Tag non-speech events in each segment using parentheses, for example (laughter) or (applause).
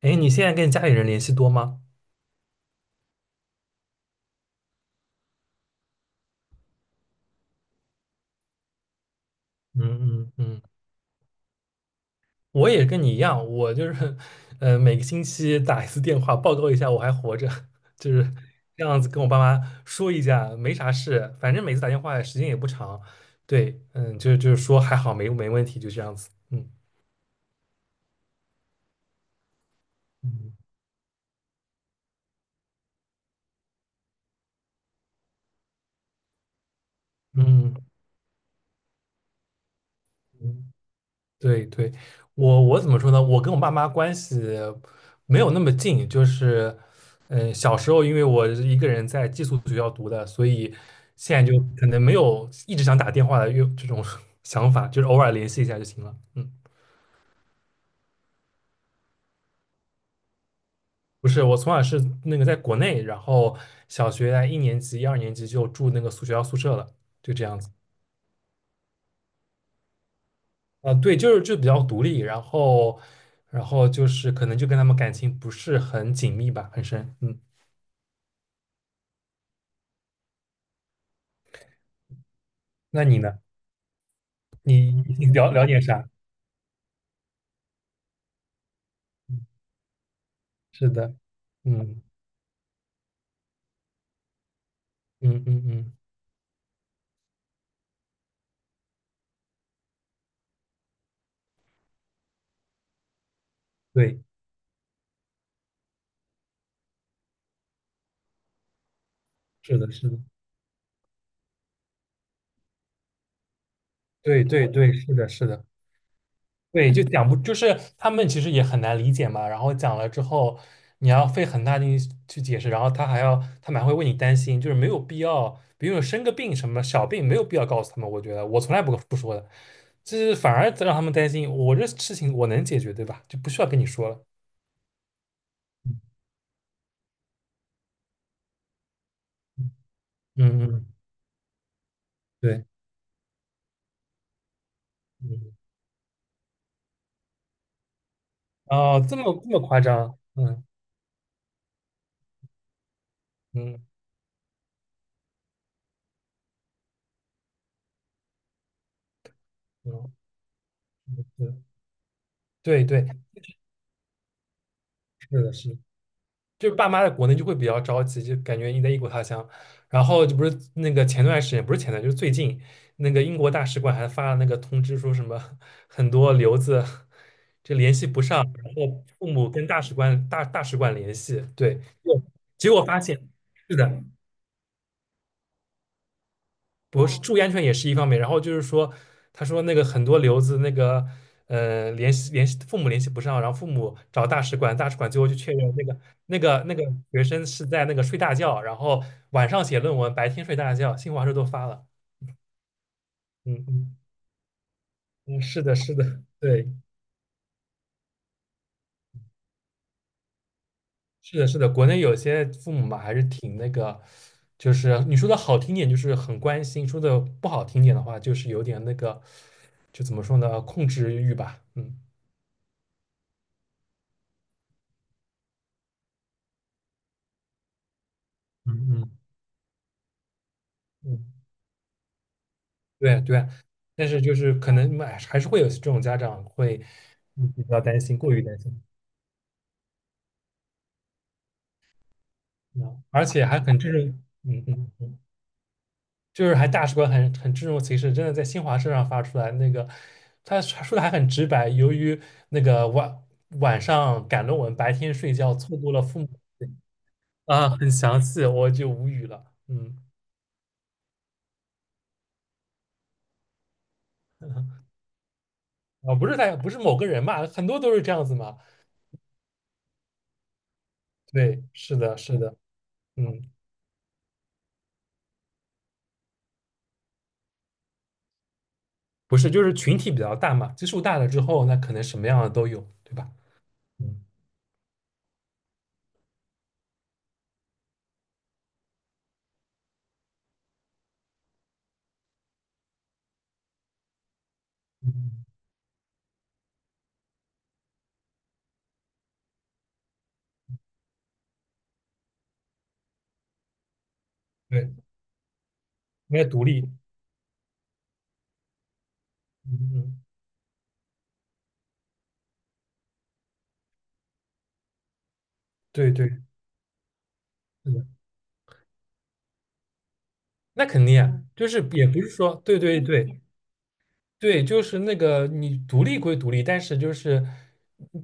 哎，你现在跟家里人联系多吗？嗯嗯嗯，我也跟你一样，我就是每个星期打一次电话，报告一下我还活着，(laughs) 就是这样子跟我爸妈说一下，没啥事，反正每次打电话时间也不长，对，嗯，就是说还好没问题，就这样子，嗯嗯，嗯。嗯对对，我怎么说呢？我跟我爸妈关系没有那么近，就是，嗯，小时候因为我是一个人在寄宿学校读的，所以现在就可能没有一直想打电话的又这种 (laughs) 想法，就是偶尔联系一下就行了。嗯，不是，我从小是那个在国内，然后小学在一年级、一二年级就住那个宿学校宿舍了，就这样子。啊，对，就比较独立，然后，然后就是可能就跟他们感情不是很紧密吧，很深。嗯，那你呢？你了解啥？是的，嗯嗯嗯嗯，对，是的，是的，对对对，是的，是的，对，就讲不，就是他们其实也很难理解嘛。然后讲了之后，你要费很大劲去解释，然后他们还会为你担心，就是没有必要，比如生个病什么小病，没有必要告诉他们。我觉得我从来不说的，就是反而让他们担心，我这事情我能解决，对吧？就不需要跟你说了。嗯嗯，对，嗯，哦，这么夸张，嗯。嗯嗯，是，对对，是的，是，就是爸妈在国内就会比较着急，就感觉你在异国他乡。然后就不是那个前段时间，不是前段，就是最近那个英国大使馆还发了那个通知，说什么很多留子就联系不上，然后父母跟大使馆联系，对，就结果发现是的，不是注意安全也是一方面，然后就是说，他说那个很多留子那个，联系父母联系不上，然后父母找大使馆，大使馆最后就确认那个那个学生是在那个睡大觉，然后晚上写论文，白天睡大觉，新华社都发了。嗯嗯嗯，是的，是的，对，是的，是的，国内有些父母嘛还是挺那个，就是你说的好听点就是很关心，说的不好听点的话就是有点那个，就怎么说呢，控制欲吧。嗯嗯嗯。嗯。对对，但是就是可能哎还是会有这种家长会嗯比较担心，过于担心，嗯，而且还很这种，嗯嗯，就是还大使馆很这种其事，真的在新华社上发出来那个，他说的还很直白，由于那个晚上赶论文，白天睡觉，错过了父母啊，很详细，我就无语了，嗯，啊，不是某个人嘛，很多都是这样子嘛，对，是的，是的，嗯。不是，就是群体比较大嘛，基数大了之后，那可能什么样的都有，对吧？嗯嗯，对，应该独立。嗯嗯，对对，是的，那肯定啊，就是也不是说，对对对对，就是那个你独立归独立，但是就是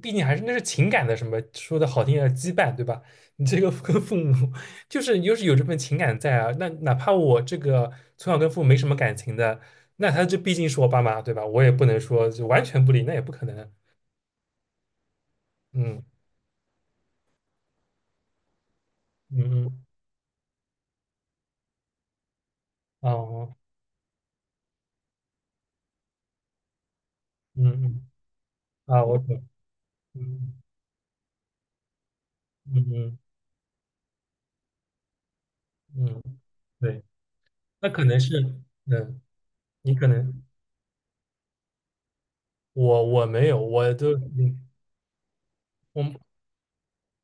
毕竟还是那是情感的什么，说的好听点儿羁绊，对吧？(laughs) 你这个跟父母就是有这份情感在啊，那哪怕我这个从小跟父母没什么感情的，那他这毕竟是我爸妈，对吧？我也不能说就完全不理，那也不可能。嗯。嗯嗯，哦，嗯嗯，啊，我懂，嗯嗯嗯嗯，对，那可能是，嗯，你可能，我没有，我都，嗯我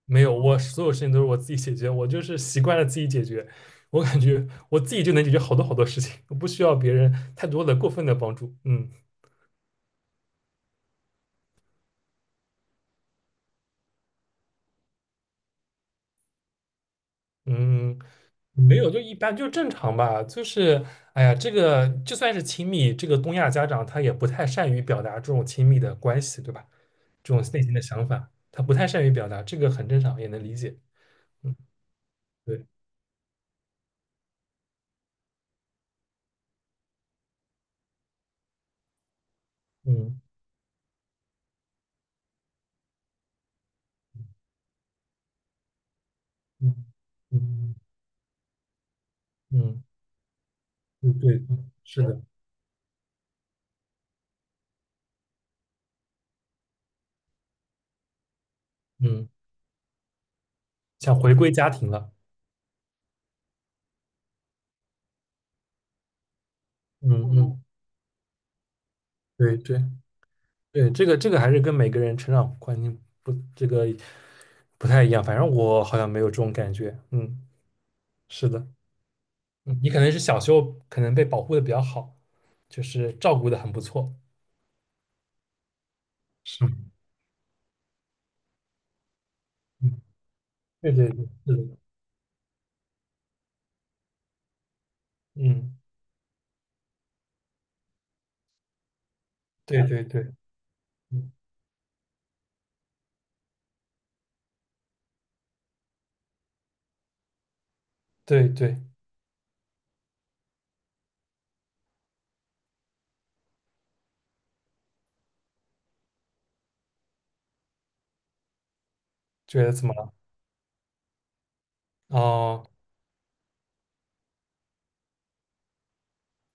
没有，我所有事情都是我自己解决，我就是习惯了自己解决，我感觉我自己就能解决好多好多事情，我不需要别人太多的过分的帮助，嗯嗯。没有，就一般，就正常吧。就是，哎呀，这个就算是亲密，这个东亚家长他也不太善于表达这种亲密的关系，对吧？这种内心的想法，他不太善于表达，这个很正常，也能理解。嗯，对，嗯嗯嗯嗯，对对，是的，嗯，想回归家庭了。嗯嗯，对对对，这个还是跟每个人成长环境不这个不太一样，反正我好像没有这种感觉。嗯，是的，嗯你可能是小时候可能被保护的比较好，就是照顾的很不错。是，嗯，对对对，是的，嗯，对对对，嗯对对，觉得怎么了？哦，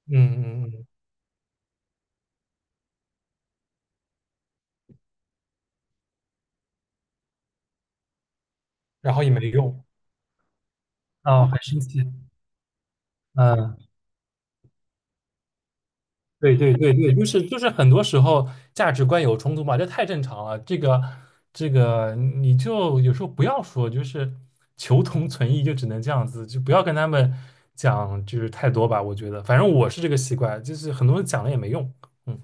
嗯嗯嗯，然后也没用，哦，很生气，嗯，对对对对，就是很多时候价值观有冲突嘛，这太正常了。这个，你就有时候不要说，就是求同存异，就只能这样子，就不要跟他们讲就是太多吧。我觉得，反正我是这个习惯，就是很多人讲了也没用。嗯，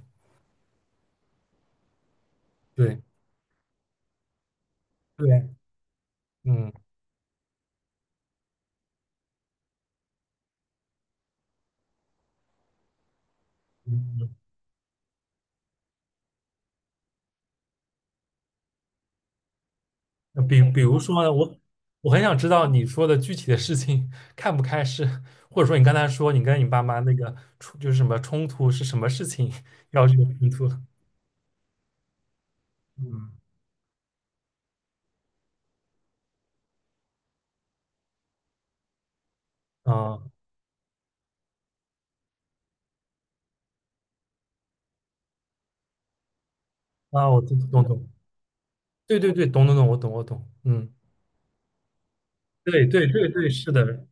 对对，嗯嗯那比如说呢，我很想知道你说的具体的事情看不开是，或者说你刚才说你跟你爸妈那个冲就是什么冲突是什么事情要这个冲突了嗯，啊啊，我懂，对对对，懂懂懂，我懂，嗯，对对对对，是的，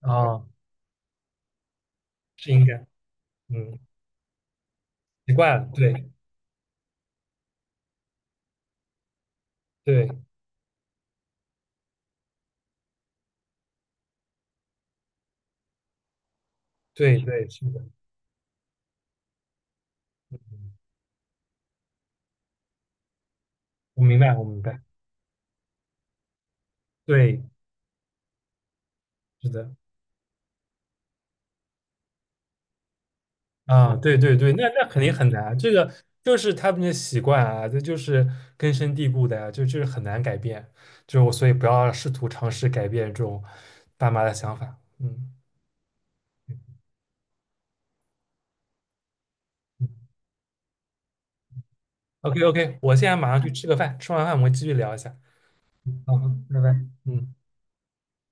啊，是应该，嗯，奇怪了，对对对对，是的，嗯我明白，对，是的。啊，对对对，那那肯定很难，这个就是他们的习惯啊，这就是根深蒂固的呀、就是很难改变，就是我，所以不要试图尝试改变这种爸妈的想法。嗯，OK 嗯 OK，我现在马上去吃个饭，吃完饭我们继续聊一下。好，好拜拜。嗯。